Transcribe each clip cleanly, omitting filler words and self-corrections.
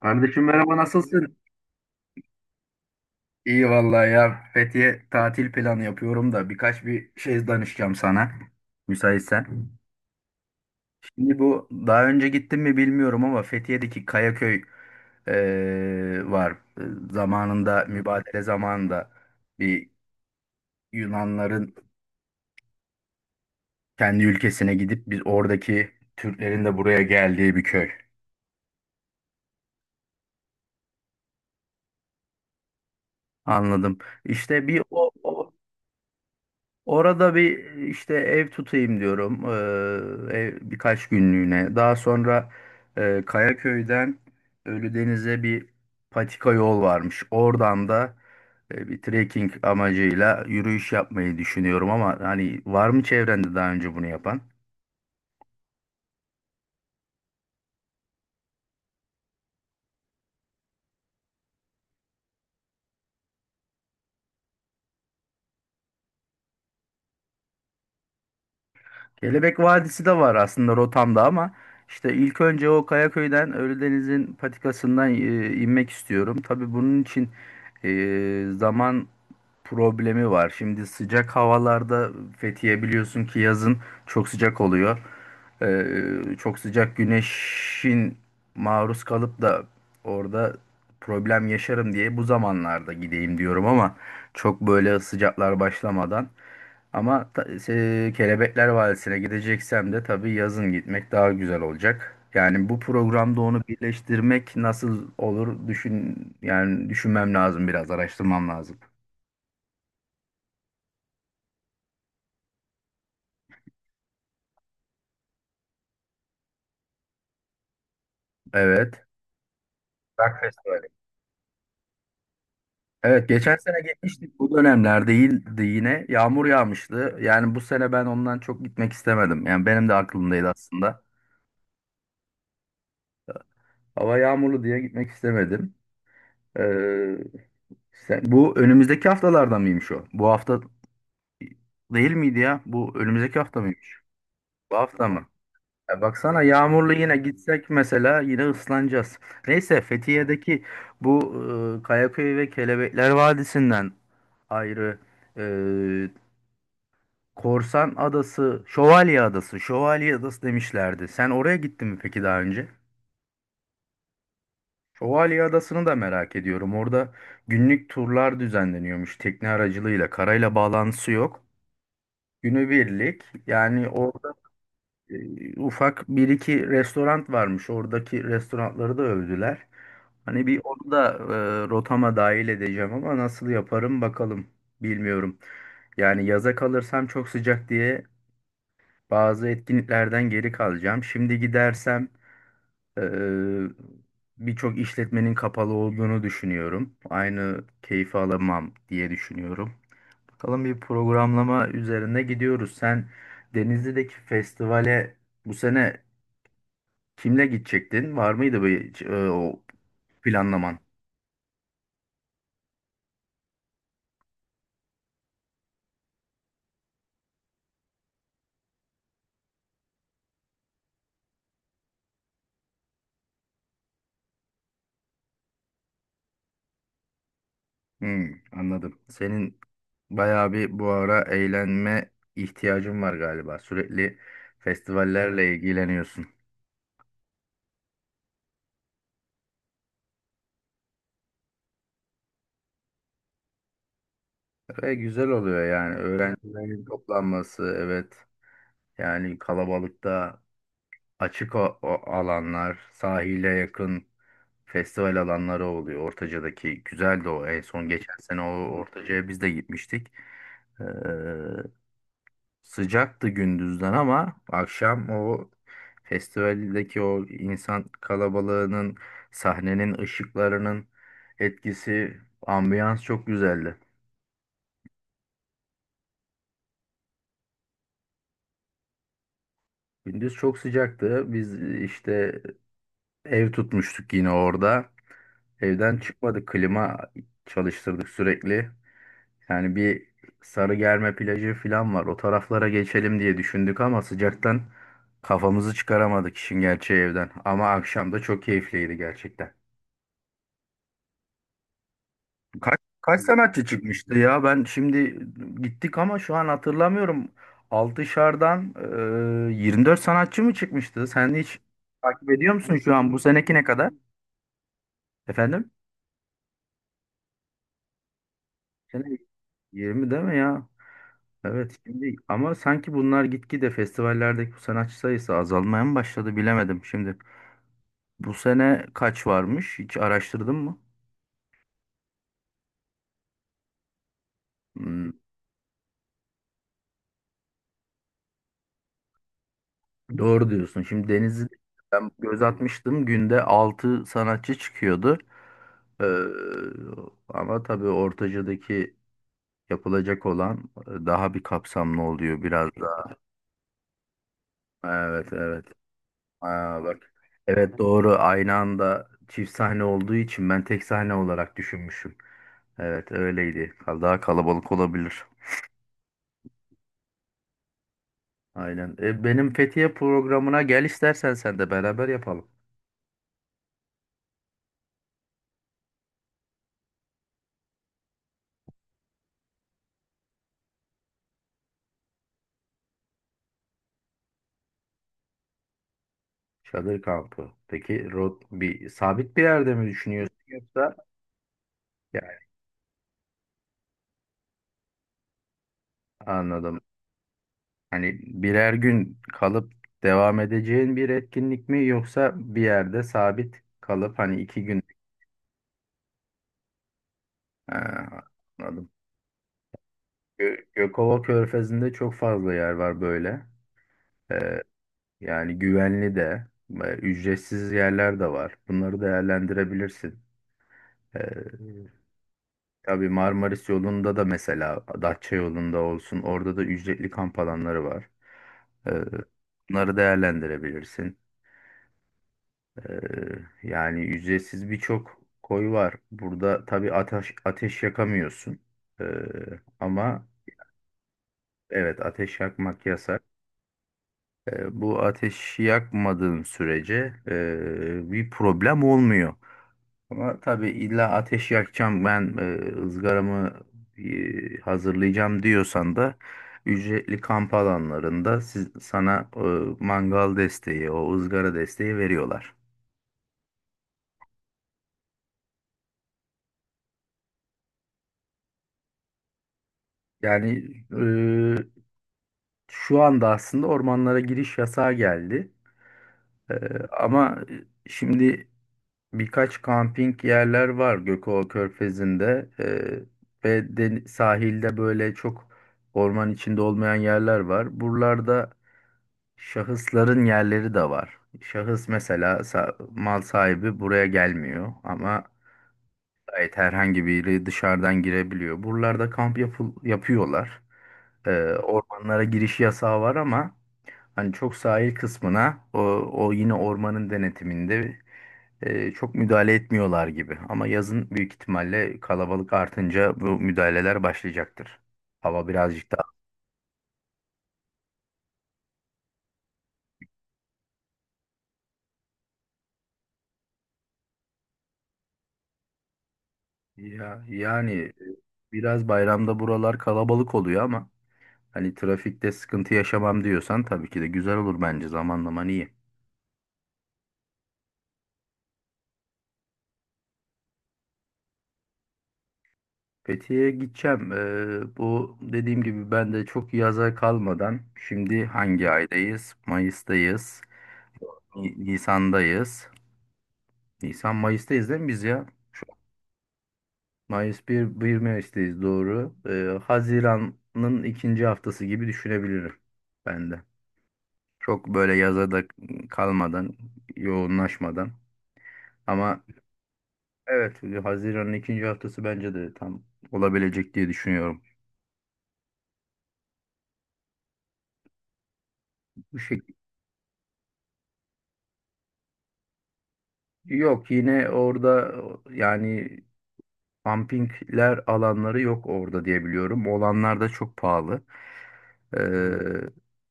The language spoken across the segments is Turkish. Kardeşim, merhaba, nasılsın? İyi vallahi ya. Fethiye tatil planı yapıyorum da birkaç bir şey danışacağım sana. Müsaitsen. Şimdi bu daha önce gittim mi bilmiyorum ama Fethiye'deki Kayaköy var. Zamanında, mübadele zamanında, bir Yunanların kendi ülkesine gidip biz oradaki Türklerin de buraya geldiği bir köy. Anladım. İşte bir o, o orada bir işte ev tutayım diyorum. Ev birkaç günlüğüne. Daha sonra Kayaköy'den Ölüdeniz'e bir patika yol varmış. Oradan da bir trekking amacıyla yürüyüş yapmayı düşünüyorum ama hani var mı çevrende daha önce bunu yapan? Kelebek Vadisi de var aslında rotamda, ama işte ilk önce o Kayaköy'den Ölüdeniz'in patikasından inmek istiyorum. Tabii bunun için e, zaman problemi var. Şimdi sıcak havalarda Fethiye, biliyorsun ki, yazın çok sıcak oluyor. E, Çok sıcak güneşin maruz kalıp da orada problem yaşarım diye bu zamanlarda gideyim diyorum, ama çok böyle sıcaklar başlamadan. Ama Kelebekler Vadisi'ne gideceksem de tabii yazın gitmek daha güzel olacak. Yani bu programda onu birleştirmek nasıl olur, yani düşünmem lazım, biraz araştırmam lazım. Evet. Rock Festivali. Evet, geçen sene gitmiştik, bu dönemler değildi, yine yağmur yağmıştı. Yani bu sene ben ondan çok gitmek istemedim. Yani benim de aklımdaydı aslında. Hava yağmurlu diye gitmek istemedim. Ee, bu önümüzdeki haftalarda mıymış o? Bu hafta değil miydi ya? Bu önümüzdeki hafta mıymış? Bu hafta mı? Ya baksana, yağmurlu yine gitsek mesela yine ıslanacağız. Neyse, Fethiye'deki bu Kayaköy ve Kelebekler Vadisi'nden ayrı e, Korsan Adası, Şövalye Adası, Şövalye Adası demişlerdi. Sen oraya gittin mi peki daha önce? Şövalye Adası'nı da merak ediyorum. Orada günlük turlar düzenleniyormuş tekne aracılığıyla. Karayla bağlantısı yok. Günübirlik yani. O ufak bir iki restoran varmış. Oradaki restoranları da övdüler. Hani bir onu da rotama dahil edeceğim ama nasıl yaparım bakalım. Bilmiyorum. Yani yaza kalırsam çok sıcak diye bazı etkinliklerden geri kalacağım. Şimdi gidersem e, birçok işletmenin kapalı olduğunu düşünüyorum. Aynı keyfi alamam diye düşünüyorum. Bakalım, bir programlama üzerine gidiyoruz. Sen Denizli'deki festivale bu sene kimle gidecektin? Var mıydı bir o planlaman? Hmm, anladım. Senin bayağı bir bu ara eğlenme ihtiyacın var galiba. Sürekli festivallerle ilgileniyorsun. Ve güzel oluyor yani. Öğrencilerin toplanması, evet. Yani kalabalıkta açık o alanlar, sahile yakın festival alanları oluyor. Ortaca'daki güzeldi o. En son geçen sene o Ortaca'ya biz de gitmiştik. Ee, Sıcaktı gündüzden, ama akşam o festivaldeki o insan kalabalığının, sahnenin ışıklarının etkisi, ambiyans çok güzeldi. Gündüz çok sıcaktı. Biz işte ev tutmuştuk yine orada. Evden çıkmadık. Klima çalıştırdık sürekli. Yani bir Sarıgerme plajı falan var. O taraflara geçelim diye düşündük ama sıcaktan kafamızı çıkaramadık işin gerçeği evden. Ama akşam da çok keyifliydi gerçekten. Kaç sanatçı çıkmıştı ya? Ben şimdi gittik ama şu an hatırlamıyorum. Altışar'dan 24 sanatçı mı çıkmıştı? Sen hiç takip ediyor musun şu an? Bu seneki ne kadar? Efendim? Sene 20 değil mi ya? Evet şimdi, ama sanki bunlar gitgide festivallerdeki bu sanatçı sayısı azalmaya mı başladı, bilemedim şimdi. Bu sene kaç varmış? Hiç araştırdın mı? Hmm, doğru diyorsun. Şimdi Denizli'de ben göz atmıştım. Günde 6 sanatçı çıkıyordu. Ee, ama tabii ortacadaki yapılacak olan daha bir kapsamlı oluyor biraz daha. Evet, evet. Aa, bak. Evet doğru, aynı anda çift sahne olduğu için ben tek sahne olarak düşünmüşüm. Evet öyleydi. Daha kalabalık olabilir. Aynen. Benim Fethiye programına gel istersen, sen de beraber yapalım. Çadır kampı. Peki bir sabit bir yerde mi düşünüyorsun yoksa? Yani anladım. Hani birer gün kalıp devam edeceğin bir etkinlik mi, yoksa bir yerde sabit kalıp hani iki gün. Ha, anladım. Gökova Körfezi'nde çok fazla yer var böyle. Ee, yani güvenli de, ücretsiz yerler de var. Bunları değerlendirebilirsin. Ee, tabii Marmaris yolunda da, mesela Datça yolunda olsun, orada da ücretli kamp alanları var. Ee, bunları değerlendirebilirsin. Ee, yani ücretsiz birçok koy var. Burada tabii ateş yakamıyorsun. Ee, ama evet, ateş yakmak yasak. Bu ateş yakmadığın sürece bir problem olmuyor. Ama tabii illa ateş yakacağım ben, ızgaramı hazırlayacağım diyorsan da ücretli kamp alanlarında sana mangal desteği, o ızgara desteği veriyorlar. Yani e, şu anda aslında ormanlara giriş yasağı geldi. Ee, ama şimdi birkaç kamping yerler var Gökova Körfezi'nde, ve sahilde böyle çok orman içinde olmayan yerler var. Buralarda şahısların yerleri de var. Şahıs mesela, mal sahibi buraya gelmiyor ama gayet herhangi biri dışarıdan girebiliyor. Buralarda yapıyorlar. Ee, ormanlara giriş yasağı var ama hani çok sahil kısmına, o yine ormanın denetiminde çok müdahale etmiyorlar gibi. Ama yazın büyük ihtimalle kalabalık artınca bu müdahaleler başlayacaktır. Hava birazcık daha ya, yani, biraz bayramda buralar kalabalık oluyor ama hani trafikte sıkıntı yaşamam diyorsan tabii ki de güzel olur, bence zamanlaman iyi. Fethiye'ye gideceğim. Bu, dediğim gibi, ben de çok yaza kalmadan. Şimdi hangi aydayız? Mayıs'tayız. Nisan'dayız. Nisan Mayıs'tayız değil mi biz ya? Şu an Mayıs bir, bir Mayıs'tayız, doğru. Haziran'ın ikinci haftası gibi düşünebilirim ben de. Çok böyle yaza da kalmadan, yoğunlaşmadan. Ama evet, Haziran'ın ikinci haftası bence de tam olabilecek diye düşünüyorum. Bu şekilde. Yok, yine orada yani pumpingler alanları yok orada diye biliyorum. Olanlar da çok pahalı. Ee,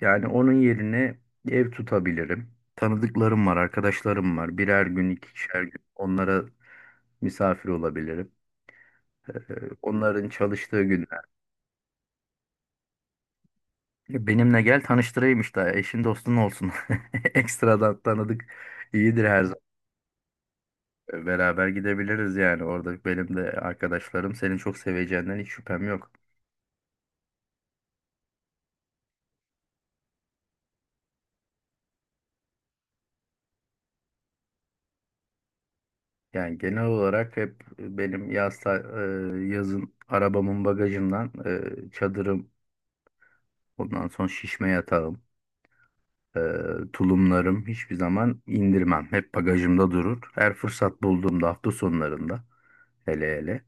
yani onun yerine ev tutabilirim. Tanıdıklarım var, arkadaşlarım var. Birer gün, ikişer gün onlara misafir olabilirim. Ee, onların çalıştığı günler. Benimle gel, tanıştırayım işte. Eşin dostun olsun. Ekstradan tanıdık iyidir her zaman. Beraber gidebiliriz yani. Orada benim de arkadaşlarım, senin çok seveceğinden hiç şüphem yok. Yani genel olarak hep benim yaz yazın arabamın bagajından çadırım. Ondan sonra şişme yatarım. Ee, tulumlarım hiçbir zaman indirmem. Hep bagajımda durur. Her fırsat bulduğumda, hafta sonlarında, hele hele,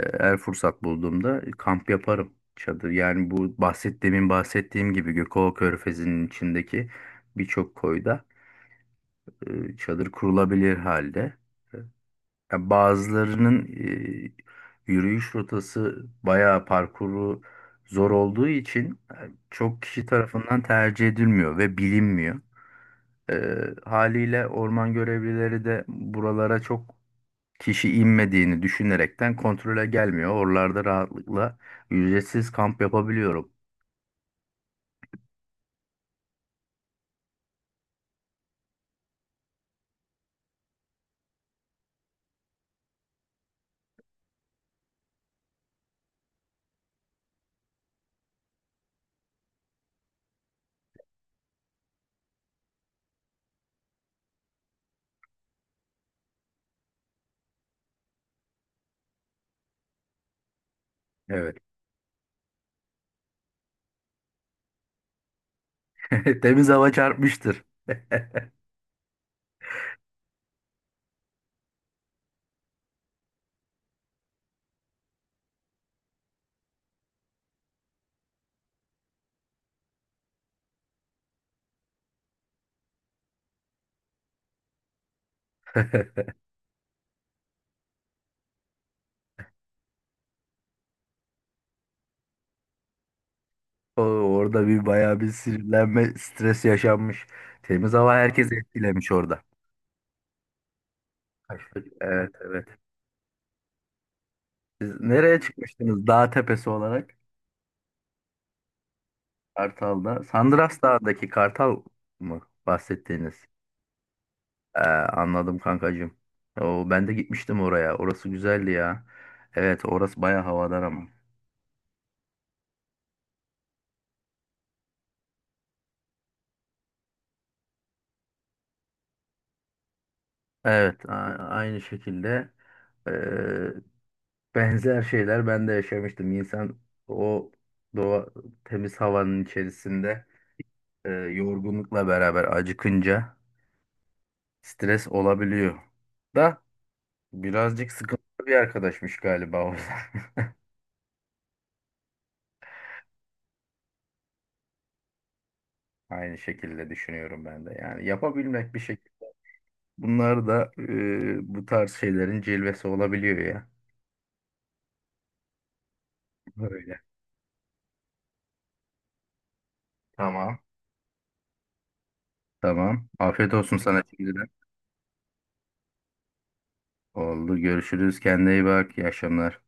her fırsat bulduğumda kamp yaparım. Çadır yani, bu bahsettiğim gibi, Gökova Körfezi'nin içindeki birçok koyda çadır kurulabilir halde. Ya bazılarının yürüyüş rotası bayağı, parkuru zor olduğu için, çok kişi tarafından tercih edilmiyor ve bilinmiyor. E, haliyle orman görevlileri de buralara çok kişi inmediğini düşünerekten kontrole gelmiyor. Oralarda rahatlıkla ücretsiz kamp yapabiliyorum. Evet. Temiz hava çarpmıştır. Orada bir bayağı bir sinirlenme, stres yaşanmış. Temiz hava herkesi etkilemiş orada. Taşlık. Evet, evet. Siz nereye çıkmıştınız dağ tepesi olarak? Kartal'da. Sandras Dağı'ndaki Kartal mı bahsettiğiniz? Anladım kankacığım. O, ben de gitmiştim oraya. Orası güzeldi ya. Evet, orası baya havadar ama. Evet, aynı şekilde, e, benzer şeyler ben de yaşamıştım. İnsan o doğa, temiz havanın içerisinde, yorgunlukla beraber acıkınca, stres olabiliyor. Da Birazcık sıkıntılı bir arkadaşmış galiba o da. Aynı şekilde düşünüyorum ben de. Yani yapabilmek bir şey. Bunlar da bu tarz şeylerin cilvesi olabiliyor ya. Öyle. Tamam. Tamam. Afiyet olsun sana şimdiden. Oldu. Görüşürüz. Kendine iyi bak. İyi akşamlar.